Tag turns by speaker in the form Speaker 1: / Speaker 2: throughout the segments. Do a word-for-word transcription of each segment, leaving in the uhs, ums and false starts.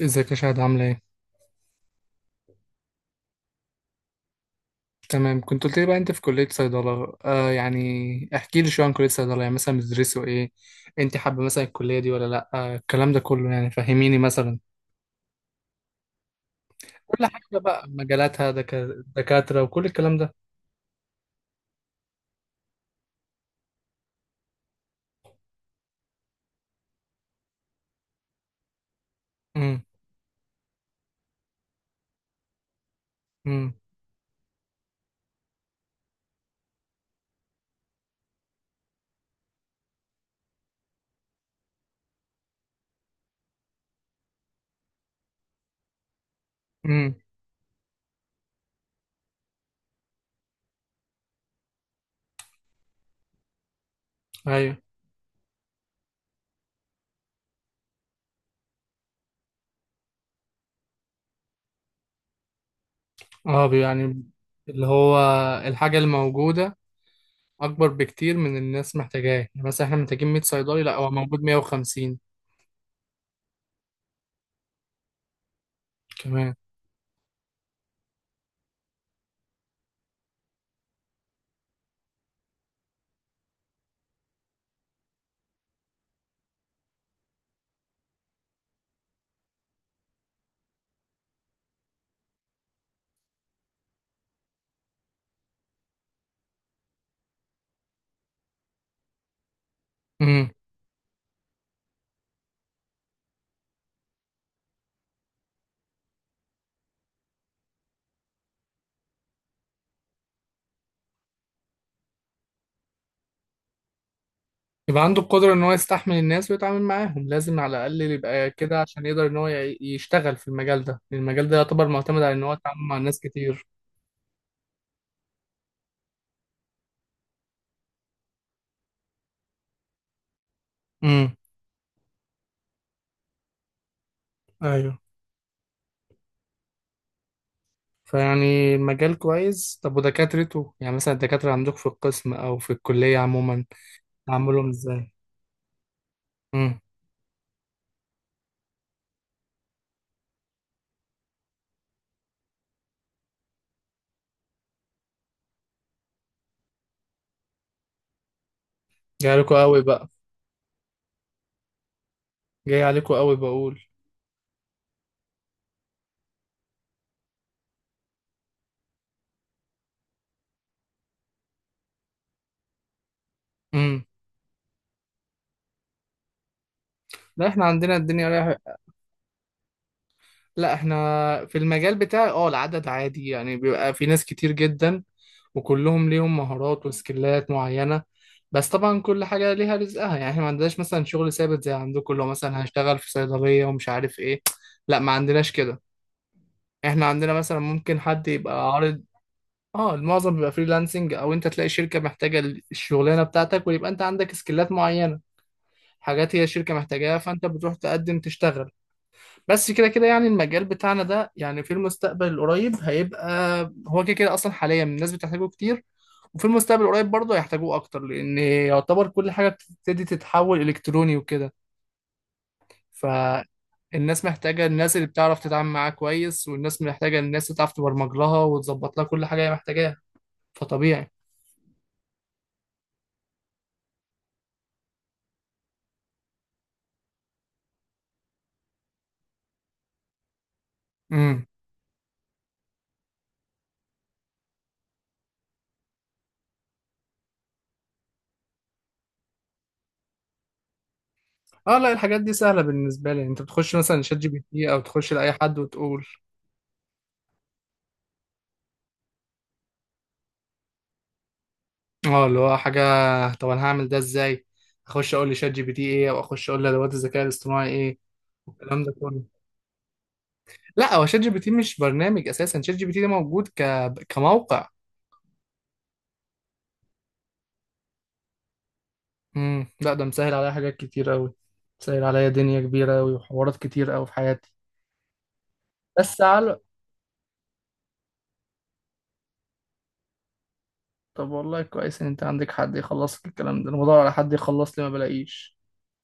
Speaker 1: ازيك يا شهد؟ عاملة ايه؟ تمام، كنت قلت لي بقى انت في كلية صيدلة. آه يعني احكي لي شوية عن كلية صيدلة، يعني مثلا بتدرسوا ايه؟ انت حابة مثلا الكلية دي ولا لأ؟ آه الكلام ده كله، يعني فهميني. مثلا كل حاجة بقى مجالاتها دكا- دكاترة وكل الكلام ده. امم. امم. امم. ايوه. اه، بي- يعني اللي هو الحاجة الموجودة أكبر بكتير من الناس محتاجاه. يعني مثلا احنا محتاجين مية صيدلي، لأ هو موجود مية وخمسين كمان. يبقى عنده القدرة إن هو يستحمل الناس ويتعامل معاهم، لازم على الأقل يبقى كده عشان يقدر إن هو ي- يشتغل في المجال ده. المجال ده يعتبر معتمد على إن هو يتعامل مع ناس كتير. امم. أيوه. فيعني مجال كويس. طب ودكاترته؟ يعني مثلا الدكاترة عندك في القسم أو في الكلية عموما، تعاملهم إزاي؟ امم. جاي عليكوا قوي بقى. جاي عليكوا قوي، بقول. امم. لا، إحنا عندنا الدنيا رايحة. لا، احنا في المجال بتاعي اه العدد عادي، يعني بيبقى في ناس كتير جدا وكلهم ليهم مهارات وسكيلات معينة. بس طبعا كل حاجة ليها رزقها، يعني احنا ما عندناش مثلا شغل ثابت زي عندكم اللي هو مثلا هشتغل في صيدلية ومش عارف ايه. لا، ما عندناش كده. احنا عندنا مثلا ممكن حد يبقى عارض. اه، المعظم بيبقى فريلانسنج، او انت تلاقي شركة محتاجة الشغلانة بتاعتك ويبقى انت عندك سكيلات معينة، حاجات هي الشركة محتاجاها، فانت بتروح تقدم تشتغل. بس كده كده يعني المجال بتاعنا ده، يعني في المستقبل القريب هيبقى، هو كده كده اصلا حاليا الناس بتحتاجه كتير. وفي المستقبل القريب برضه هيحتاجوه اكتر، لان يعتبر كل حاجه بتبتدي تتحول الكتروني وكده. فالناس محتاجه الناس اللي بتعرف تتعامل معاها كويس، والناس محتاجه الناس اللي تعرف تبرمج لها وتظبط لها كل حاجه هي محتاجاها. فطبيعي. امم. اه لا، الحاجات دي سهله بالنسبه لي. يعني انت بتخش مثلا شات جي بي تي او تخش لاي حد وتقول. اه اللي هو حاجة، طب انا هعمل ده ازاي؟ اخش اقول لشات جي بي تي ايه، او اخش اقول لادوات الذكاء الاصطناعي ايه والكلام ده كله. لا، هو شات جي بي تي مش برنامج اساسا. شات جي بي تي ده موجود ك... كموقع. امم. لا، ده مسهل عليا حاجات كتير قوي. مسهل عليا دنيا كبيرة قوي وحوارات كتير قوي في حياتي. بس على. طب والله كويس ان انت عندك حد يخلص لك الكلام ده. انا بدور على حد يخلص لي ما بلاقيش،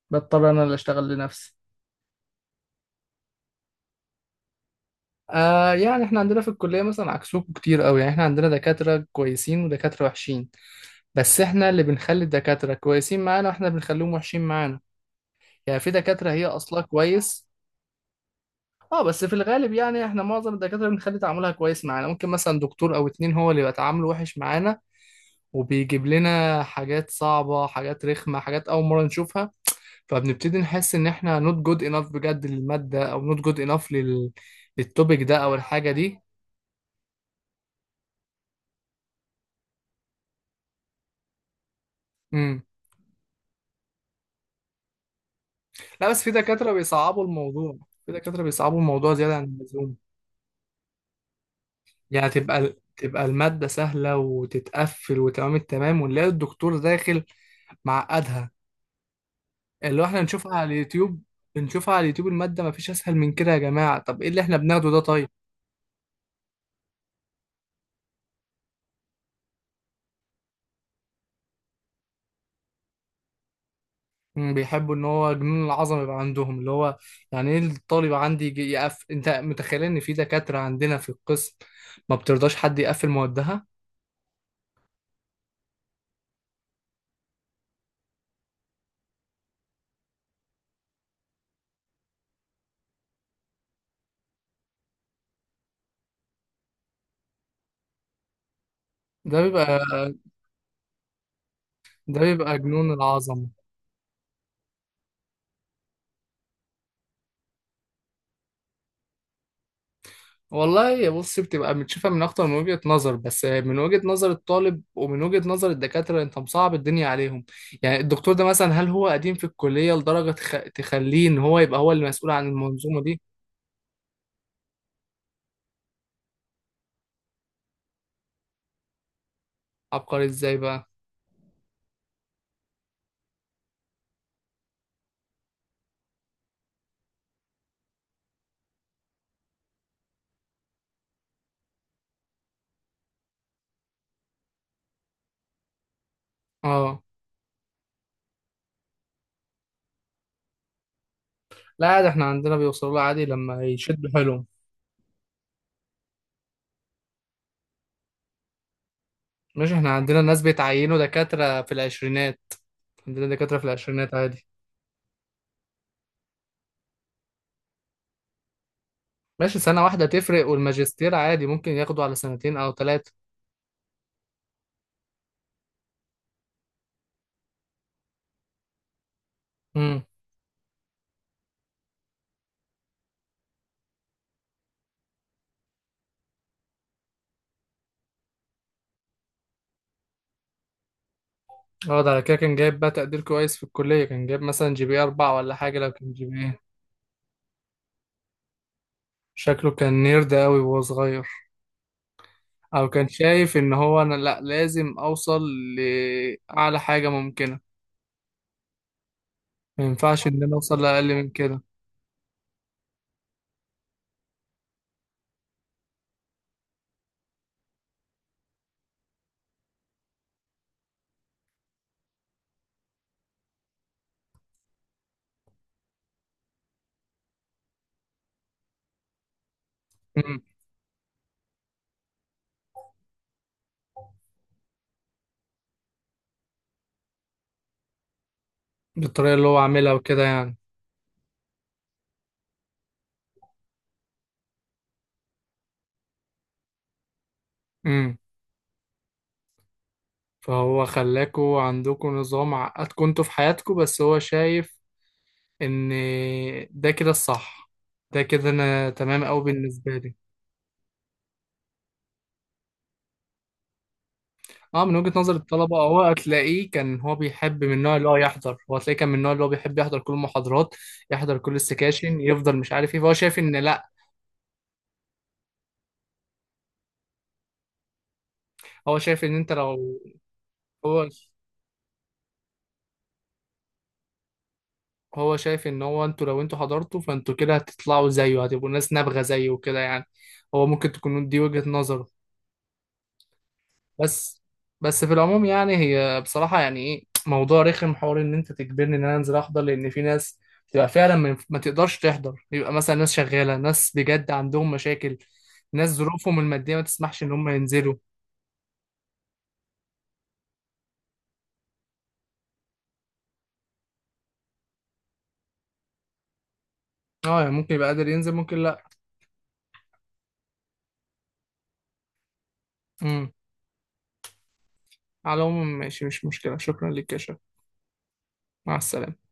Speaker 1: بضطر انا اللي اشتغل لنفسي. آه يعني احنا عندنا في الكلية مثلا عكسوكوا كتير قوي. يعني احنا عندنا دكاترة كويسين ودكاترة وحشين، بس احنا اللي بنخلي الدكاترة كويسين معانا واحنا بنخليهم وحشين معانا. يعني في دكاترة هي اصلها كويس. اه بس في الغالب، يعني احنا معظم الدكاترة بنخلي تعاملها كويس معانا. ممكن مثلا دكتور او اتنين هو اللي يبقى تعامله وحش معانا، وبيجيب لنا حاجات صعبة، حاجات رخمة، حاجات أول مرة نشوفها، فبنبتدي نحس إن إحنا not good enough بجد للمادة، أو not good enough لل... للتوبيك ده أو الحاجة دي. مم. لا بس في دكاترة بيصعبوا الموضوع. في دكاترة بيصعبوا الموضوع زيادة عن اللزوم. يعني تبقى تبقى المادة سهلة وتتقفل وتمام التمام، ونلاقي الدكتور داخل معقدها، اللي هو احنا نشوفها على اليوتيوب. بنشوفها على اليوتيوب، المادة مفيش أسهل من كده يا جماعة، طب إيه اللي احنا بناخده ده طيب؟ مم، بيحبوا إن هو جنون العظمة يبقى عندهم، اللي هو يعني إيه الطالب عندي يجي يقف؟ أنت متخيل إن في دكاترة عندنا في القسم ما بترضاش حد يقفل موادها؟ ده بيبقى ده بيبقى جنون العظمة. والله يا بص، بتبقى بتشوفها من اكتر من وجهة نظر، بس من وجهة نظر الطالب ومن وجهة نظر الدكاترة انت مصعب الدنيا عليهم. يعني الدكتور ده مثلا، هل هو قديم في الكلية لدرجة تخ... تخليه ان هو يبقى هو اللي مسؤول عن المنظومة دي؟ عبقري ازاي بقى؟ اه لا عادي، احنا عندنا بيوصلوا له عادي لما يشدوا حيلهم. ماشي، احنا عندنا ناس بيتعينوا دكاترة في العشرينات. عندنا دكاترة في العشرينات عادي. ماشي، سنة واحدة تفرق، والماجستير عادي ممكن ياخدوا على سنتين او ثلاثة. اه، ده على كده كان جايب بقى تقدير كويس في الكلية. كان جايب مثلا جي بي إيه أربعة ولا حاجة. لو كان جي بي إيه، شكله كان نيرد أوي وهو صغير، أو كان شايف إن هو، أنا لأ لازم أوصل لأعلى حاجة ممكنة. ما ينفعش إن أنا أوصل لأقل من كده. أمم. بالطريقة اللي هو عاملها وكده يعني. أمم. فهو خلاكوا عندكوا نظام، عقدكوا انتوا في حياتكوا، بس هو شايف إن ده كده الصح. ده كده أنا تمام أوي بالنسبة لي. اه، من وجهة نظر الطلبة هو هتلاقيه كان هو بيحب من النوع اللي هو يحضر. هو هتلاقيه كان من النوع اللي هو بيحب يحضر كل المحاضرات، يحضر كل السكاشن، يفضل مش عارف ايه. فهو شايف ان لا. هو شايف ان انت لو، هو هو شايف ان هو انتوا لو انتوا حضرتوا فانتوا كده هتطلعوا زيه، هتبقوا ناس نابغة زيه وكده يعني. هو ممكن تكون دي وجهة نظره. بس بس في العموم، يعني هي بصراحة، يعني ايه موضوع رخم، حوار ان انت تجبرني ان انا انزل احضر لان في ناس بتبقى فعلا ما ينف- ما تقدرش تحضر. يبقى مثلا ناس شغالة، ناس بجد عندهم مشاكل، ناس ظروفهم المادية ما تسمحش ان هم ينزلوا. اه يعني ممكن يبقى قادر ينزل، ممكن لا. امم. على العموم ماشي، مش مشكلة. شكرا لك يا شباب، مع السلامة.